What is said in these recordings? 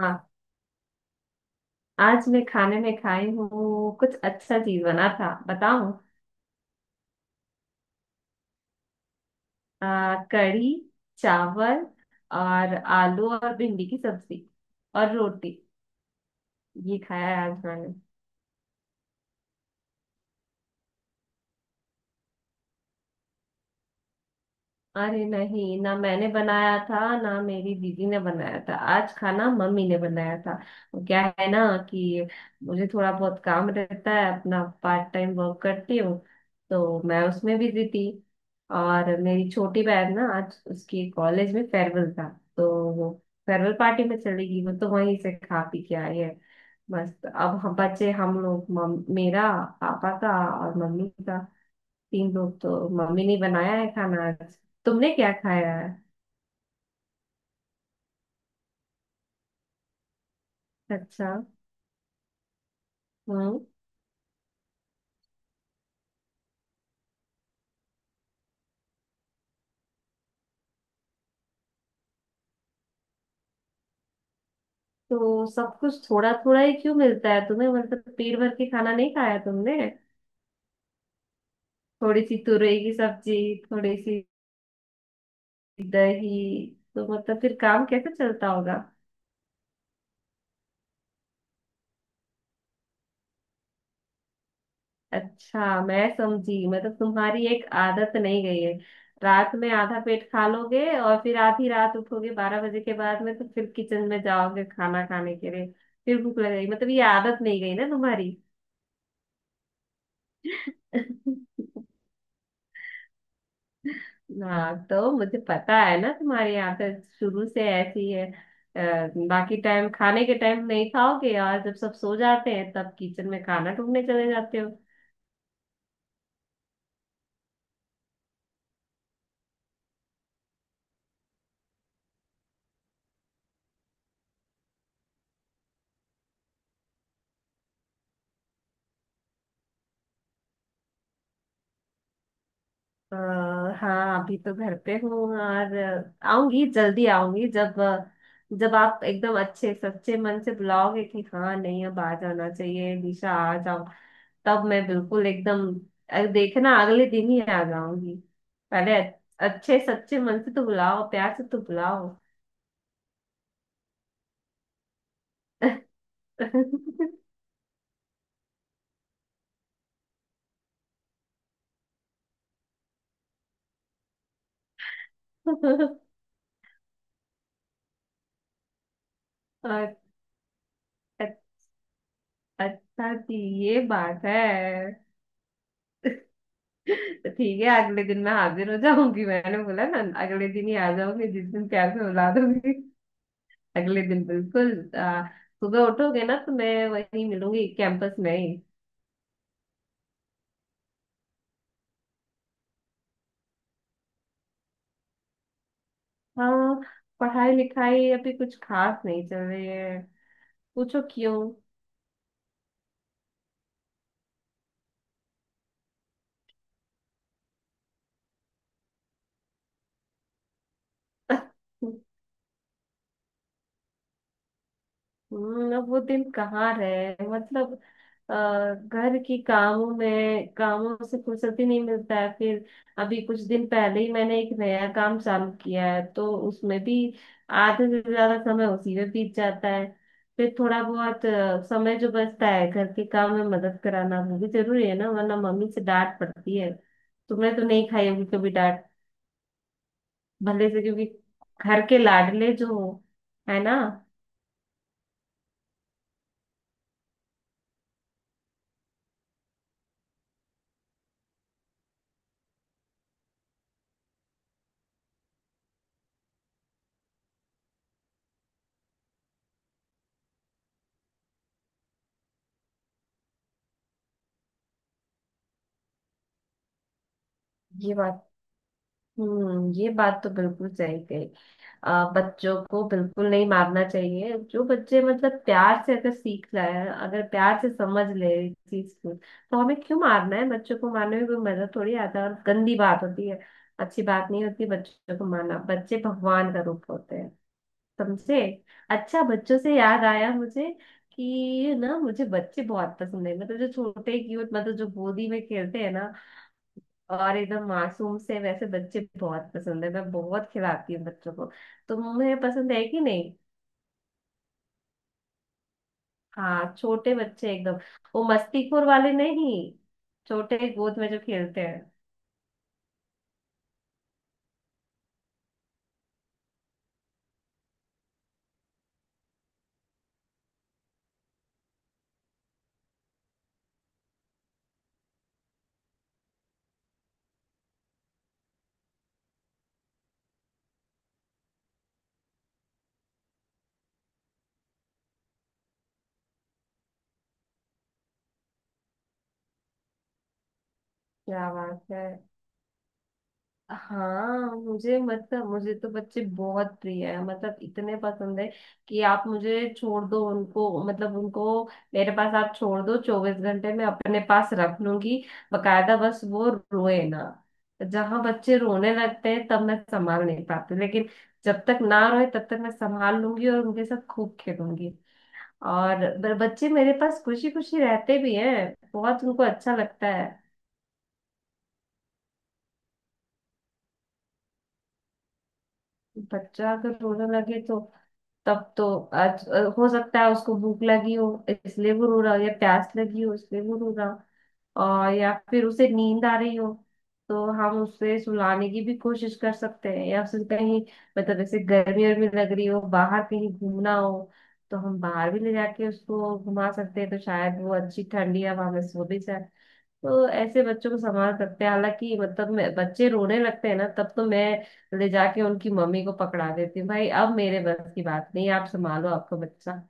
हाँ, आज मैं खाने में खाई हूँ। कुछ अच्छा चीज बना था, बताऊँ? कढ़ी, चावल, और आलू और भिंडी की सब्जी, और रोटी। ये खाया है आज मैंने। अरे नहीं ना, मैंने बनाया था ना मेरी दीदी ने बनाया था, आज खाना मम्मी ने बनाया था। वो क्या है ना कि मुझे थोड़ा बहुत काम रहता है, अपना पार्ट टाइम वर्क करती हूँ, तो मैं उसमें बिजी थी। और मेरी छोटी बहन ना, आज उसकी कॉलेज में फेयरवेल था, तो वो फेयरवेल पार्टी में चली गई। वो तो वहीं से खा पी के आई है, मस्त। अब हम बचे, हम लोग मेरा, पापा का, और मम्मी का, 3 लोग। तो मम्मी ने बनाया है खाना आज। तुमने क्या खाया है? अच्छा। हम्म। तो सब कुछ थोड़ा थोड़ा ही क्यों मिलता है तुम्हें? मतलब पेट भर के खाना नहीं खाया तुमने? थोड़ी सी तुरई की सब्जी, थोड़ी सी दही, तो मतलब फिर काम कैसे चलता होगा? अच्छा, मैं समझी, मतलब तुम्हारी एक आदत नहीं गई है। रात में आधा पेट खा लोगे और फिर आधी रात उठोगे 12 बजे के बाद में, तो फिर किचन में जाओगे खाना खाने के लिए। फिर भूख लग गई, मतलब ये आदत नहीं गई ना तुम्हारी। हाँ तो मुझे पता है ना, तुम्हारी आदत शुरू से ऐसी है। अ, बाकी टाइम, खाने के टाइम नहीं खाओगे, और जब सब सो जाते हैं तब किचन में खाना ढूंढने चले जाते हो। अ, हाँ, अभी तो घर पे हूँ। और आऊंगी, जल्दी आऊंगी, जब आप एकदम अच्छे सच्चे मन से बुलाओगे कि हाँ नहीं अब आ जाना चाहिए निशा, आ जाओ, तब मैं बिल्कुल एकदम देखना, अगले दिन ही आ जाऊंगी। पहले अच्छे सच्चे मन से तो बुलाओ, प्यार से तो बुलाओ। और अ- अच्छा जी, ये बात है। तो ठीक है, अगले दिन मैं हाजिर हो जाऊंगी, मैंने बोला ना, अगले दिन ही आ जाऊंगी जिस दिन प्यार से बुला दूंगी। अगले दिन बिल्कुल सुबह उठोगे ना, तो मैं वहीं मिलूंगी कैंपस में ही। हाँ, पढ़ाई लिखाई अभी कुछ खास नहीं चल रही है, पूछो क्यों। अब वो दिन कहाँ रहे, मतलब अ, घर की कामों में, कामों से फुर्सत ही नहीं मिलता है। फिर अभी कुछ दिन पहले ही मैंने एक नया काम चालू किया है, तो उसमें भी आधे से ज्यादा समय उसी में बीत जाता है। फिर थोड़ा बहुत समय जो बचता है, घर के काम में मदद कराना वो भी जरूरी है ना, वरना मम्मी से डांट पड़ती है। तुमने तो नहीं खाई होगी कभी डांट, भले से, क्योंकि घर के लाडले जो हो, है ना। ये बात। ये बात तो बिल्कुल सही कही। बच्चों को बिल्कुल नहीं मारना चाहिए। जो बच्चे मतलब प्यार से अगर सीख जाए, अगर प्यार से समझ ले इस चीज को, तो हमें क्यों मारना है? बच्चों को मारने में कोई मजा थोड़ी आता है, और गंदी बात होती है। अच्छी बात नहीं होती बच्चों को मारना, बच्चे भगवान का रूप होते हैं, समझे। अच्छा, बच्चों से याद आया मुझे कि ना, मुझे बच्चे बहुत पसंद है, मतलब जो छोटे क्यूट, मतलब जो गोदी में खेलते हैं ना, और एकदम मासूम से, वैसे बच्चे बहुत पसंद है, मैं बहुत खिलाती हूँ बच्चों को। तुम्हें पसंद है कि नहीं? हाँ, छोटे बच्चे एकदम, वो मस्तीखोर वाले नहीं, छोटे गोद में जो खेलते हैं। क्या बात है। हाँ, मुझे, मतलब मुझे तो बच्चे बहुत प्रिय है, मतलब इतने पसंद है कि आप मुझे छोड़ दो उनको, मतलब उनको मेरे पास आप छोड़ दो, 24 घंटे में अपने पास रख लूंगी। बकायदा, बस वो रोए ना, जहां बच्चे रोने लगते हैं तब मैं संभाल नहीं पाती, लेकिन जब तक ना रोए तब तक मैं संभाल लूंगी और उनके साथ खूब खेलूंगी। और बच्चे मेरे पास खुशी खुशी रहते भी हैं, बहुत उनको अच्छा लगता है। बच्चा अगर रोने लगे तो, तब तो आज हो सकता है उसको भूख लगी हो, इसलिए वो रो रहा हो, या प्यास लगी हो, इसलिए वो रो रहा हो, और या फिर उसे नींद आ रही हो। तो हम उसे सुलाने की भी कोशिश कर सकते हैं, या फिर कहीं, मतलब ऐसे गर्मी वर्मी लग रही हो, बाहर कहीं घूमना हो, तो हम बाहर भी ले जाके उसको घुमा सकते हैं, तो शायद वो अच्छी ठंडी हवा में सो भी जाए। तो ऐसे बच्चों को संभाल सकते हैं। हालांकि मतलब, बच्चे रोने लगते हैं ना तब तो मैं ले जाके उनकी मम्मी को पकड़ा देती हूँ, भाई अब मेरे बस की बात नहीं, आप संभालो आपका बच्चा।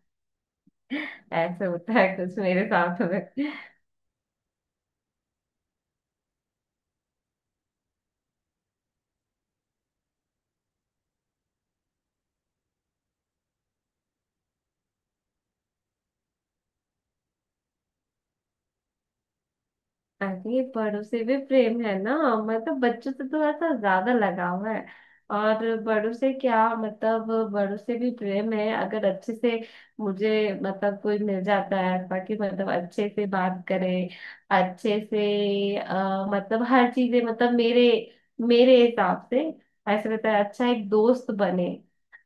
ऐसे होता है कुछ मेरे साथ में। अरे बड़ों से भी प्रेम है ना, मतलब बच्चों से थोड़ा सा ज्यादा लगाव है, और बड़ों से क्या मतलब, बड़ों से भी प्रेम है, अगर अच्छे से मुझे मतलब कोई मिल जाता है, बाकी मतलब अच्छे से बात करे, अच्छे से मतलब हर चीजें, मतलब मेरे मेरे हिसाब से ऐसा रहता है, अच्छा एक दोस्त बने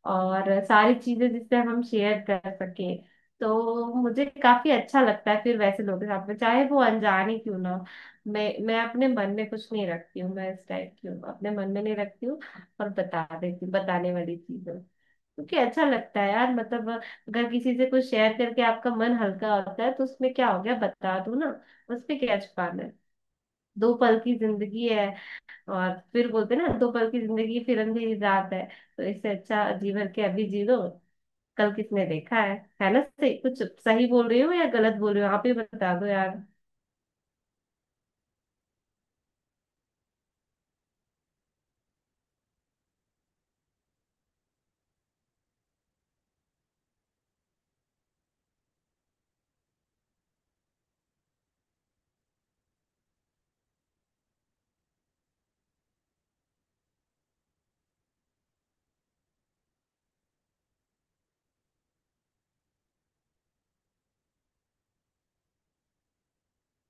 और सारी चीजें जिससे हम शेयर कर सके, तो मुझे काफी अच्छा लगता है फिर वैसे लोगों के साथ में, चाहे वो अनजाने क्यों ना हो। मैं अपने मन में कुछ नहीं रखती हूँ, मैं इस टाइप की हूँ, अपने मन में नहीं रखती हूँ और बता देती हूँ, बताने वाली चीज हूँ, क्योंकि अच्छा लगता है यार, मतलब अगर किसी से कुछ शेयर करके आपका मन हल्का होता है तो उसमें क्या हो गया, बता दो ना, उसमें क्या छुपाना है। दो पल की जिंदगी है, और फिर बोलते हैं ना, दो पल की जिंदगी फिर अंधेरी रात है, तो इससे अच्छा जी भर के अभी जी लो, कल किसने देखा है ना। सही कुछ सही बोल रही हो या गलत बोल रही हो, आप ही बता दो यार।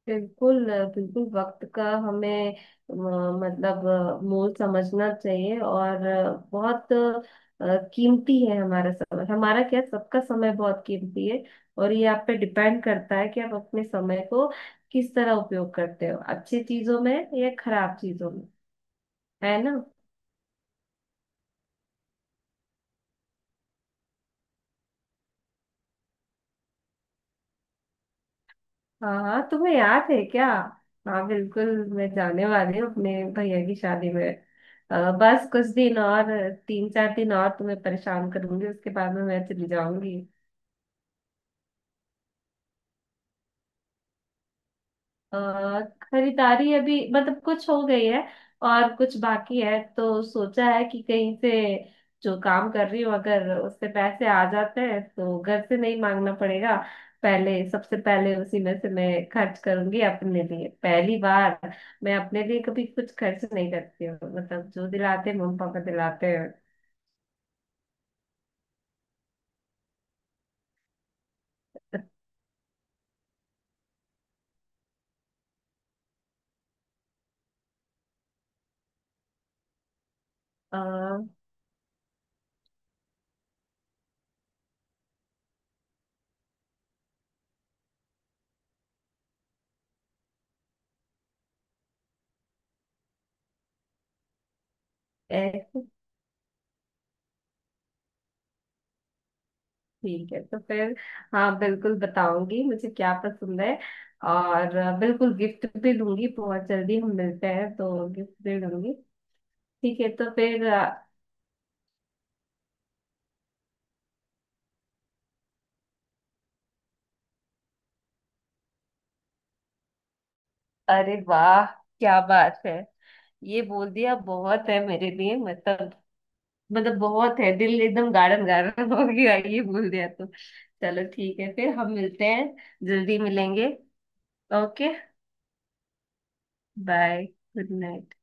बिल्कुल, बिल्कुल वक्त का हमें मतलब मोल समझना चाहिए, और बहुत कीमती है हमारा समय, हमारा क्या सबका समय बहुत कीमती है। और ये आप पे डिपेंड करता है कि आप अपने समय को किस तरह उपयोग करते हो, अच्छी चीजों में या खराब चीजों में, है ना। हाँ हाँ, तुम्हें याद है क्या? हाँ बिल्कुल, मैं जाने वाली हूँ अपने भैया की शादी में। बस कुछ दिन और, 3 4 दिन और तुम्हें परेशान करूंगी, उसके बाद में मैं चली जाऊंगी। अ, खरीदारी अभी मतलब कुछ हो गई है, और कुछ बाकी है, तो सोचा है कि कहीं से जो काम कर रही हूँ अगर उससे पैसे आ जाते हैं तो घर से नहीं मांगना पड़ेगा। पहले, सबसे पहले उसी में से मैं खर्च करूंगी अपने लिए, पहली बार मैं अपने लिए कभी कुछ खर्च नहीं करती हूँ, मतलब जो दिलाते हैं मम्मी पापा दिलाते हैं। अ, ऐसे ठीक है, तो फिर हाँ बिल्कुल बताऊंगी मुझे क्या पसंद है, और बिल्कुल गिफ्ट भी दूंगी, बहुत जल्दी हम मिलते हैं तो गिफ्ट भी दूंगी। ठीक है, तो फिर अरे वाह, क्या बात है, ये बोल दिया बहुत है मेरे लिए, मतलब, बहुत है, दिल एकदम गार्डन गार्डन हो गया ये बोल दिया तो। चलो ठीक है, फिर हम मिलते हैं, जल्दी मिलेंगे, ओके। Bye, good night.